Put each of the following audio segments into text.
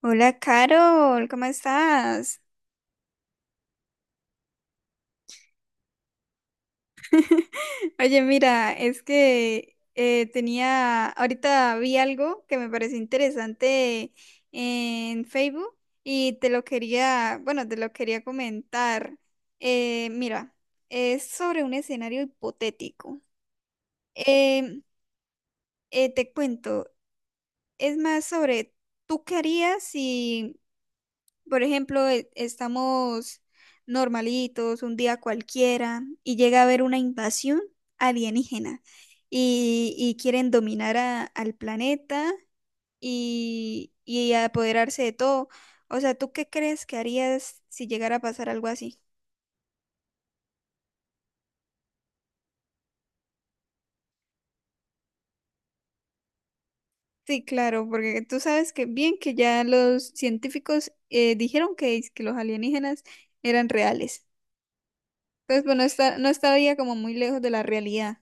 Hola, Carol, ¿cómo estás? Oye, mira, es que tenía, ahorita vi algo que me pareció interesante en Facebook y te lo quería, bueno, te lo quería comentar. Mira, es sobre un escenario hipotético. Em, Te cuento, es más sobre, ¿tú qué harías si? Por ejemplo, estamos normalitos, un día cualquiera, y llega a haber una invasión alienígena y quieren dominar al planeta y apoderarse de todo. O sea, ¿tú qué crees que harías si llegara a pasar algo así? Sí, claro, porque tú sabes que bien que ya los científicos dijeron que, que los alienígenas eran reales. Entonces, bueno, no estaría como muy lejos de la realidad.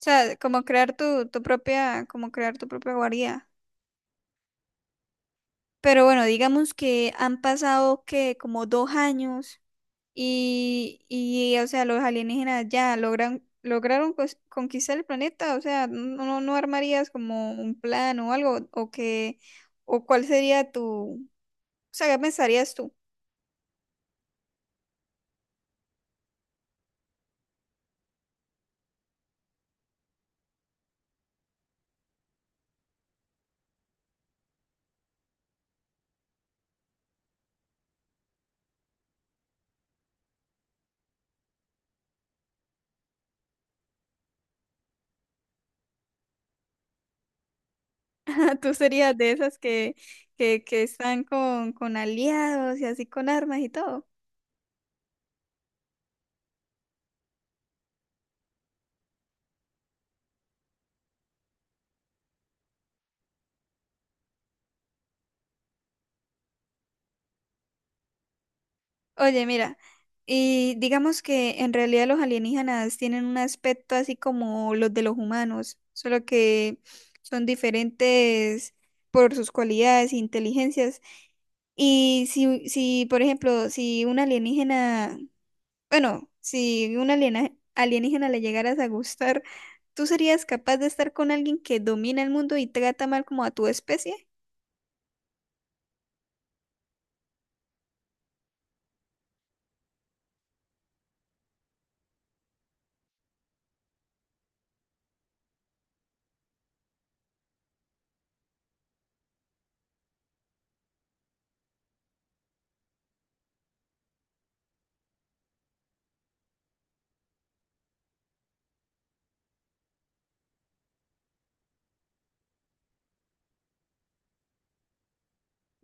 O sea, como crear tu propia, como crear tu propia guarida. Pero bueno, digamos que han pasado que como dos años y o sea, los alienígenas ya lograron conquistar el planeta. O sea, no, no no armarías como un plan o algo, o que, o cuál sería tu, o sea, ¿qué pensarías tú? Tú serías de esas que están con aliados y así con armas y todo. Oye, mira, y digamos que en realidad los alienígenas tienen un aspecto así como los de los humanos, solo que son diferentes por sus cualidades e inteligencias. Y si, por ejemplo, si un alienígena bueno, si un alienígena le llegaras a gustar, ¿tú serías capaz de estar con alguien que domina el mundo y trata mal como a tu especie?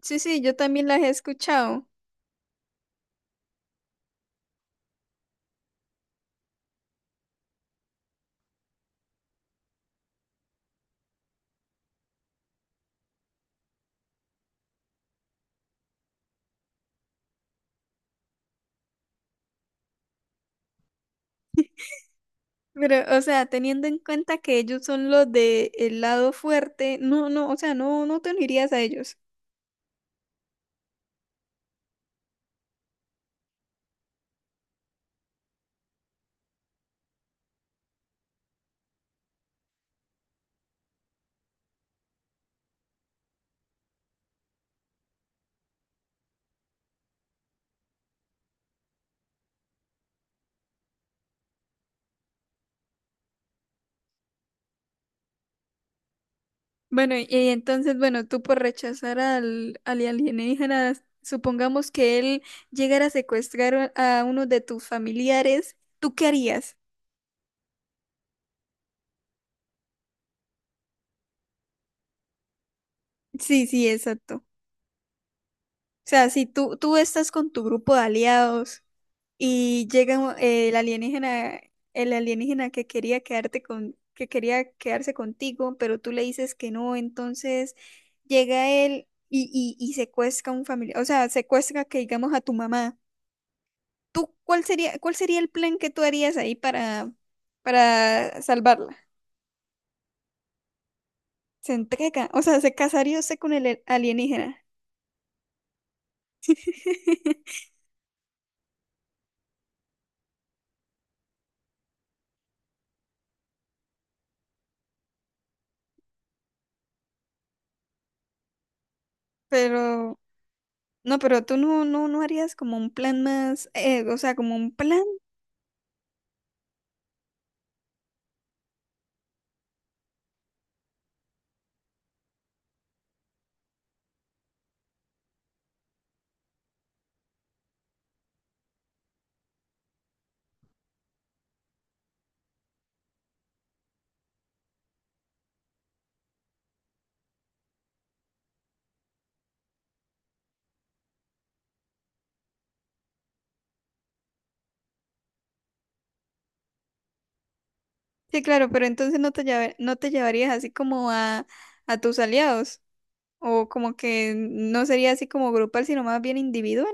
Sí, sí, yo también las he escuchado. Pero, o sea, teniendo en cuenta que ellos son los de el lado fuerte, no, no, o sea, no, no te unirías a ellos. Bueno, y entonces, bueno, tú por rechazar al alienígena, supongamos que él llegara a secuestrar a uno de tus familiares, ¿tú qué harías? Sí, sí, exacto. O sea, si tú estás con tu grupo de aliados y llega el alienígena que quería quedarte con, que quería quedarse contigo, pero tú le dices que no, entonces llega él y secuestra a un familiar, o sea, secuestra que digamos a tu mamá. ¿Tú cuál cuál sería el plan que tú harías ahí para salvarla? Se entrega, o sea, se casaría usted con el alienígena. Pero, no, pero tú no, no, no harías como un plan más, o sea, como un plan. Sí, claro, pero entonces no te llevarías así como a tus aliados, o como que no sería así como grupal, sino más bien individual.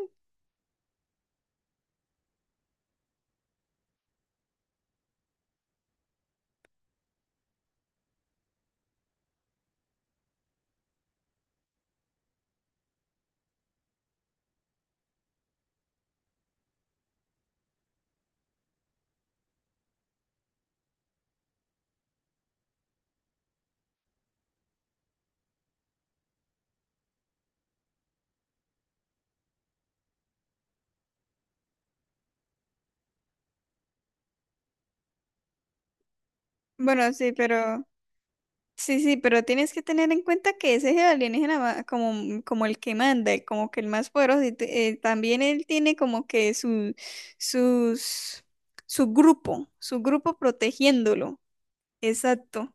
Bueno, sí, pero sí, sí, pero tienes que tener en cuenta que ese es el alienígena como, mm, como el que manda, como que el más poderoso, también él tiene como que sus, su grupo protegiéndolo. Exacto.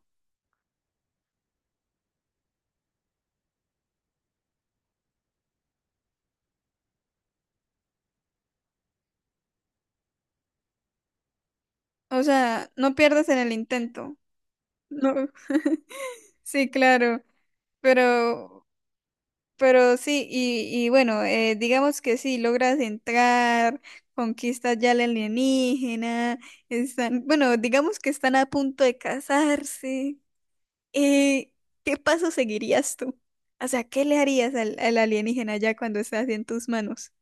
O sea, no pierdas en el intento. No. Sí, claro, pero Pero sí, y bueno, digamos que sí, logras entrar, conquistas ya la alienígena, están, bueno, digamos que están a punto de casarse. Eh, ¿Qué paso seguirías tú? O sea, ¿qué le harías al alienígena ya cuando estás en tus manos?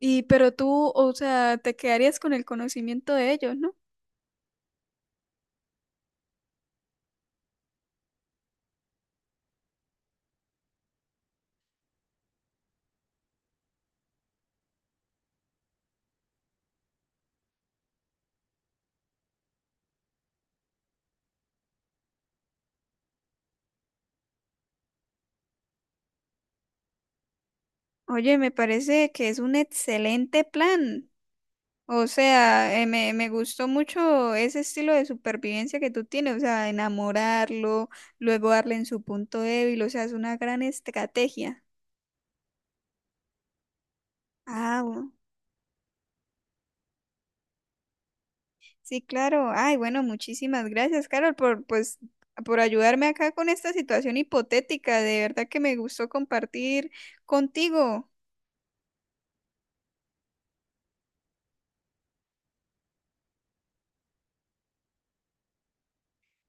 Y pero tú, o sea, te quedarías con el conocimiento de ellos, ¿no? Oye, me parece que es un excelente plan. O sea, me gustó mucho ese estilo de supervivencia que tú tienes, o sea, enamorarlo, luego darle en su punto débil, o sea, es una gran estrategia. Ah, bu- sí, claro. Ay, bueno, muchísimas gracias, Carol, por, pues, por ayudarme acá con esta situación hipotética. De verdad que me gustó compartir contigo.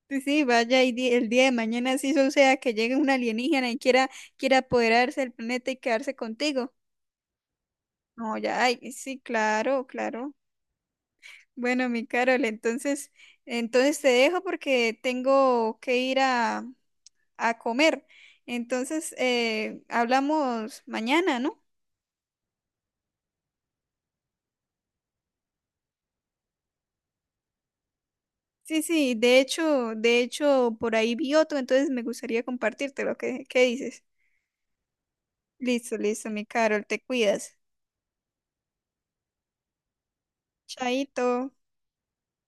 Sí, sí, vaya, el día de mañana sí suceda que llegue un alienígena y quiera, quiera apoderarse del planeta y quedarse contigo. No, ya, ay, sí, claro, claro. Bueno, mi Carol, entonces, entonces te dejo porque tengo que ir a comer. Entonces, hablamos mañana, ¿no? Sí, sí, de hecho, por ahí vi otro, entonces me gustaría compartírtelo. Qué dices? Listo, listo, mi Carol, te cuidas. Chaito.